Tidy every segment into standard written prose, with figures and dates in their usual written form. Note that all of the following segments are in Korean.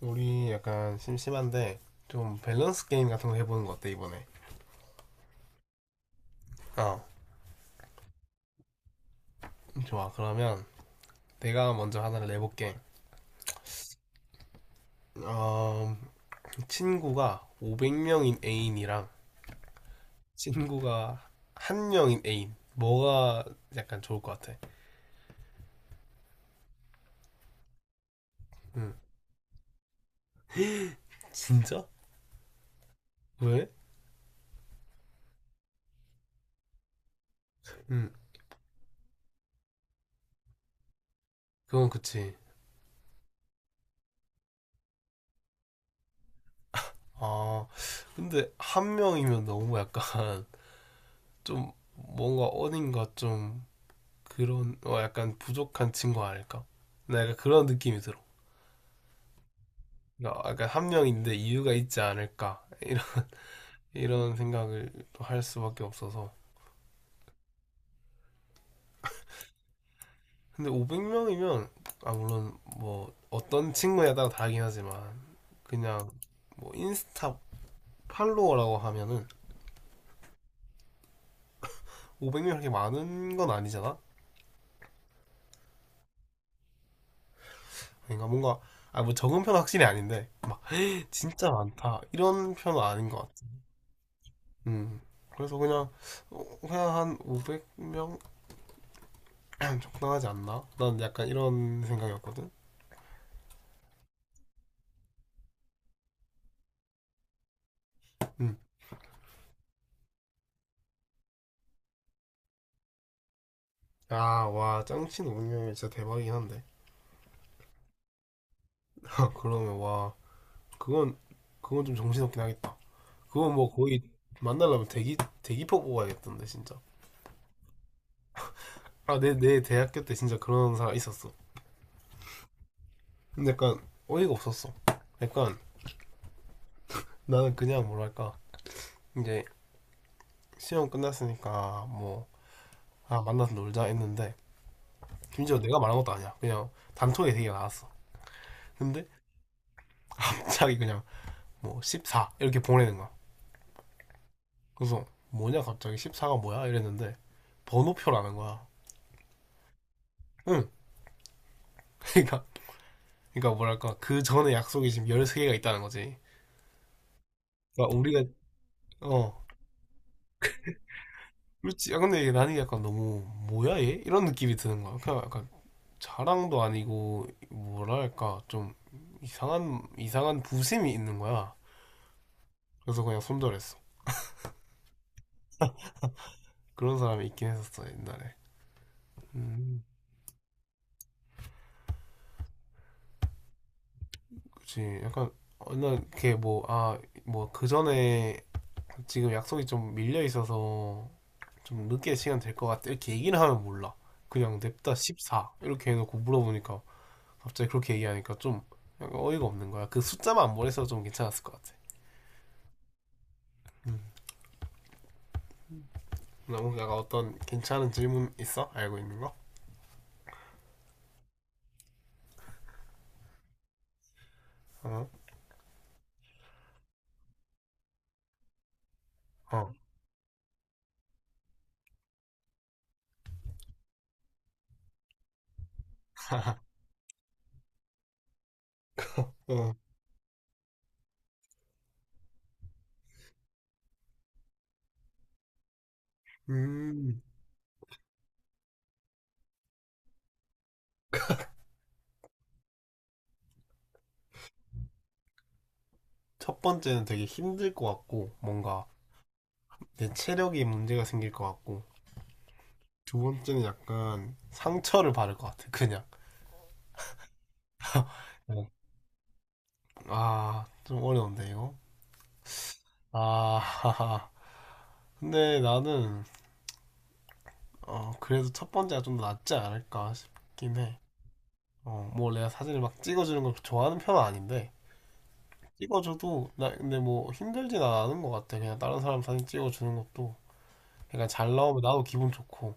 우리 약간 심심한데 좀 밸런스 게임 같은 거 해보는 거 어때 이번에? 어. 좋아. 그러면 내가 먼저 하나를 내볼게. 어, 친구가 500명인 애인이랑 친구가 한 명인 애인 뭐가 약간 좋을 것 같아? 응. 진짜? 왜? 응. 그건 그치. 아, 근데 한 명이면 너무 약간 좀 뭔가 어딘가 좀 그런 어 약간 부족한 친구 아닐까? 나 약간 그런 느낌이 들어. 어, 그러니까 한 명인데 이유가 있지 않을까 이런 생각을 또 할 수밖에 없어서. 근데 500명이면, 아, 물론 뭐 어떤 친구에 따라 다르긴 하지만 그냥 뭐 인스타 팔로워라고 하면은 500명 이렇게 많은 건 아니잖아. 그러니까 뭔가 아, 뭐 적은 편은 확실히 아닌데 진짜 많다 이런 편은 아닌 것 같아. 음. 그래서 그냥 어, 그냥 한 500명 적당하지 않나, 난 약간 이런 생각이었거든. 음. 야, 와, 짱친 운영명이 진짜 대박이긴 한데. 그러면, 와, 그건, 그건 좀 정신없긴 하겠다. 그건 뭐 거의 만나려면 대기표 뽑아야겠던데, 진짜. 아, 내 대학교 때 진짜 그런 사람 있었어. 근데 약간 어이가 없었어. 약간 나는 그냥 뭐랄까, 이제 시험 끝났으니까 뭐, 아, 만나서 놀자 했는데, 심지어 내가 말한 것도 아니야. 그냥 단톡에 되게 나왔어. 근데 갑자기 그냥 뭐, 14 이렇게 보내는 거야. 그래서 뭐냐, 갑자기 14가 뭐야 이랬는데 번호표라는 거야. 응. 그러니까 뭐랄까 그 전에 약속이 지금 13개가 있다는 거지. 그러니까 우리가, 어, 그렇지. 아, 근데 이게 나는 약간 너무 뭐야 얘, 이런 느낌이 드는 거야. 그냥 약간 자랑도 아니고 뭐랄까 좀 이상한 이상한 부심이 있는 거야. 그래서 그냥 손절했어. 그런 사람이 있긴 했었어, 옛날에. 음. 그치. 약간 어느 걔 뭐, 아, 뭐, 그 전에 지금 약속이 좀 밀려 있어서 좀 늦게 시간 될 것 같아 이렇게 얘기는 하면 몰라, 그냥 냅다 14 이렇게 해놓고 물어보니까 갑자기 그렇게 얘기하니까 좀 약간 어이가 없는 거야. 그 숫자만 안 보내서 좀 괜찮았을 것 같아. 음. 너무 약간, 어떤 괜찮은 질문 있어? 알고 있는 거? 어? 어. 어. 음. 첫 번째는 되게 힘들 것 같고 뭔가 내 체력이 문제가 생길 것 같고 두 번째는 약간 상처를 받을 것 같아, 그냥. 네. 아, 좀 어려운데 이거. 아. 근데 나는 어, 그래도 첫 번째가 좀 더 낫지 않을까 싶긴 해. 어뭐 내가 사진을 막 찍어주는 걸 좋아하는 편은 아닌데, 찍어줘도 나 근데 뭐 힘들진 않은 것 같아. 그냥 다른 사람 사진 찍어주는 것도 약간 잘 나오면 나도 기분 좋고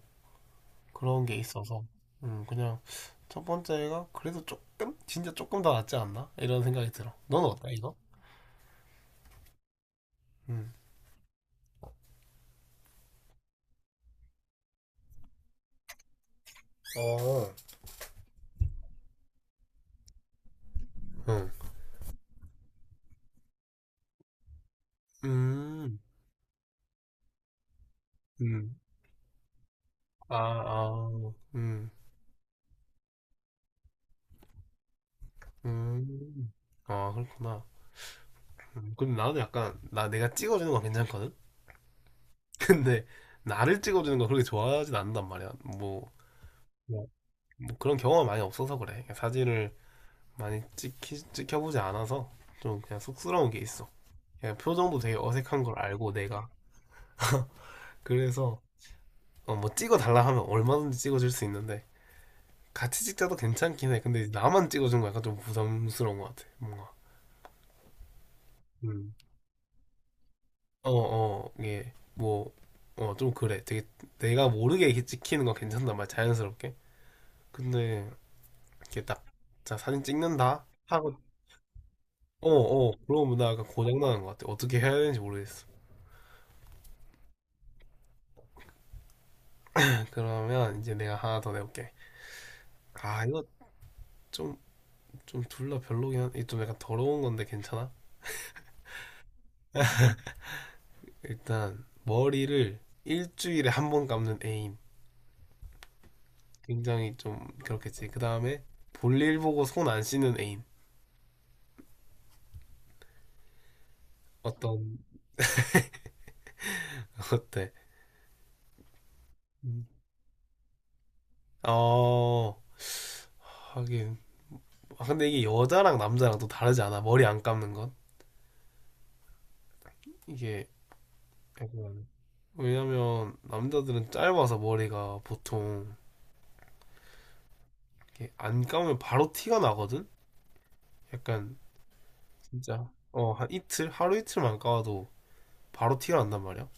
그런 게 있어서. 음. 그냥 첫 번째가 그래도 조금, 진짜 조금 더 낫지 않나, 이런 생각이 들어. 너는 어때 이거? 음. 어. 응. 음. 음. 아, 아. 음. 음. 아, 그렇구나. 근데 나는 약간, 나 내가 찍어주는 건 괜찮거든. 근데 나를 찍어주는 건 그렇게 좋아하진 않는단 말이야. 뭐, 뭐, 뭐 그런 경험이 많이 없어서 그래. 사진을 많이 찍혀보지 않아서 좀 그냥 쑥스러운 게 있어. 그냥 표정도 되게 어색한 걸 알고 내가. 그래서 어, 뭐 찍어달라 하면 얼마든지 찍어줄 수 있는데 같이 찍자도 괜찮긴 해. 근데 나만 찍어준 거 약간 좀 부담스러운 것 같아. 뭔가. 음. 어, 어, 이게 뭐, 어, 좀 그래. 되게 내가 모르게 이렇게 찍히는 건 괜찮단 말이야. 자연스럽게. 근데 이렇게 딱, 자, 사진 찍는다 하고, 어, 어, 그런 문화가 고장나는 것 같아. 어떻게 해야 되는지 모르겠어. 그러면 이제 내가 하나 더 내볼게. 아, 이거 좀, 좀 둘 다 별로긴 한, 이좀 약간 더러운 건데 괜찮아? 일단, 머리를 일주일에 한 번 감는 애인. 굉장히 좀 그렇겠지. 그 다음에, 볼일 보고 손 안 씻는 애인. 어떤, 어때? 음. 어, 하긴. 아, 근데 이게 여자랑 남자랑 또 다르지 않아? 머리 안 감는 건? 이게 약간 왜냐면 남자들은 짧아서 머리가 보통 이렇게 안 감으면 바로 티가 나거든? 약간 진짜, 어, 한 이틀 하루 이틀만 감아도 바로 티가 난단 말이야.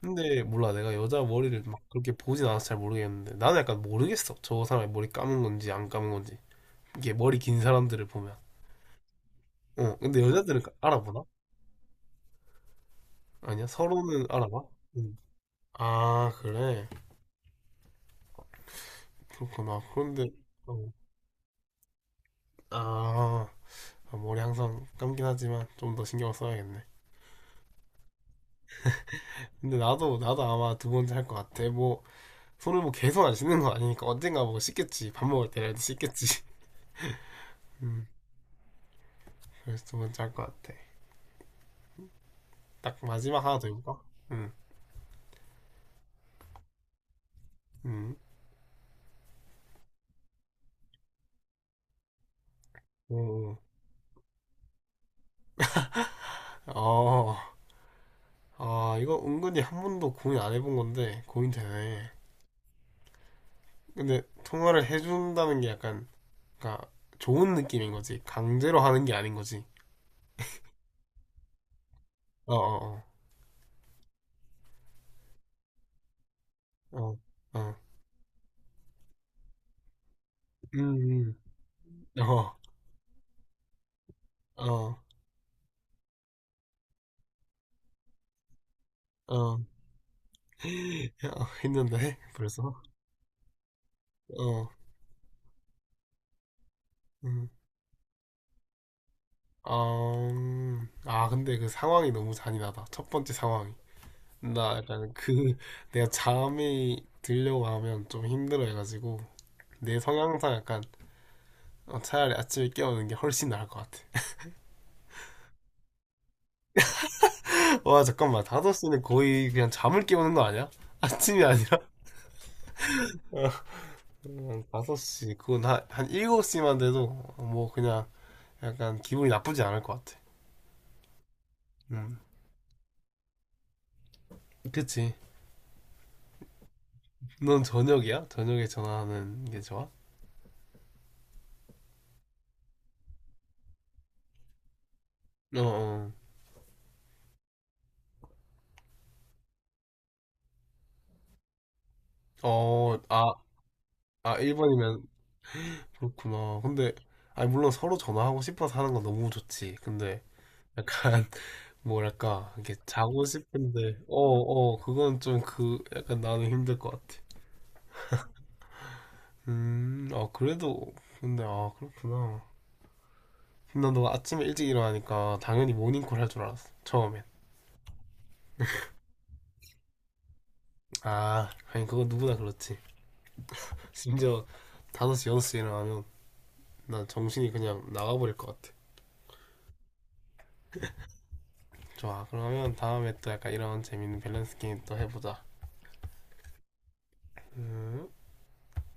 근데 몰라, 내가 여자 머리를 막 그렇게 보진 않아서 잘 모르겠는데 나는 약간 모르겠어, 저 사람이 머리 감은 건지 안 감은 건지. 이게 머리 긴 사람들을 보면. 어, 근데 여자들은 까- 알아보나? 아니야 서로는 알아봐? 응. 아 그래. 그렇구나 그런데. 어. 아. 아, 머리 항상 감긴 하지만 좀 더 신경 써야겠네. 근데 나도 아마 두 번째 할 것 같아. 뭐, 손을 뭐 계속 안 씻는 거 아니니까 언젠가 뭐 씻겠지. 밥 먹을 때라도 씻겠지. 음, 그래서 두 번째 할 것 같아. 딱 마지막 하나 더 해볼까? 응, 응, 오, 어, 아, 이거 은근히 한 번도 고민 안 해본 건데 고민되네. 근데 통화를 해준다는 게 약간, 그러니까 좋은 느낌인 거지. 강제로 하는 게 아닌 거지. 어, 어, 어, 어, 어, 음, 어, 어. 어, 어, 했는데, 벌써? 어, 음. 어, 아, 근데 그 상황이 너무 잔인하다. 첫 번째 상황이. 나 약간 그, 내가 잠이 들려고 하면 좀 힘들어 해가지고, 내 성향상 약간, 어, 차라리 아침에 깨우는 게 훨씬 나을 것 같아. 와, 잠깐만. 5시는 거의 그냥 잠을 깨우는 거 아니야? 아침이 아니라? 어, 5시. 그건 한 7시만 돼도, 뭐, 그냥, 약간 기분이 나쁘지 않을 것 같아. 음, 그치. 넌 저녁이야? 저녁에 전화하는 게 좋아? 어, 어, 어, 아, 아, 1번이면 그렇구나. 근데, 아니, 물론 서로 전화하고 싶어서 하는 건 너무 좋지. 근데, 약간, 뭐랄까, 이렇게 자고 싶은데, 어, 어, 그건 좀 그, 약간 나는 힘들 것 같아. 아, 그래도, 근데, 아, 그렇구나. 난 너가 아침에 일찍 일어나니까 당연히 모닝콜 할 줄 알았어. 처음엔. 아, 아니, 그건 누구나 그렇지. 심지어 5시, 6시 일어나면 난 정신이 그냥 나가버릴 것 같아. 좋아. 그러면 다음에 또 약간 이런 재밌는 밸런스 게임 또 해보자. 음.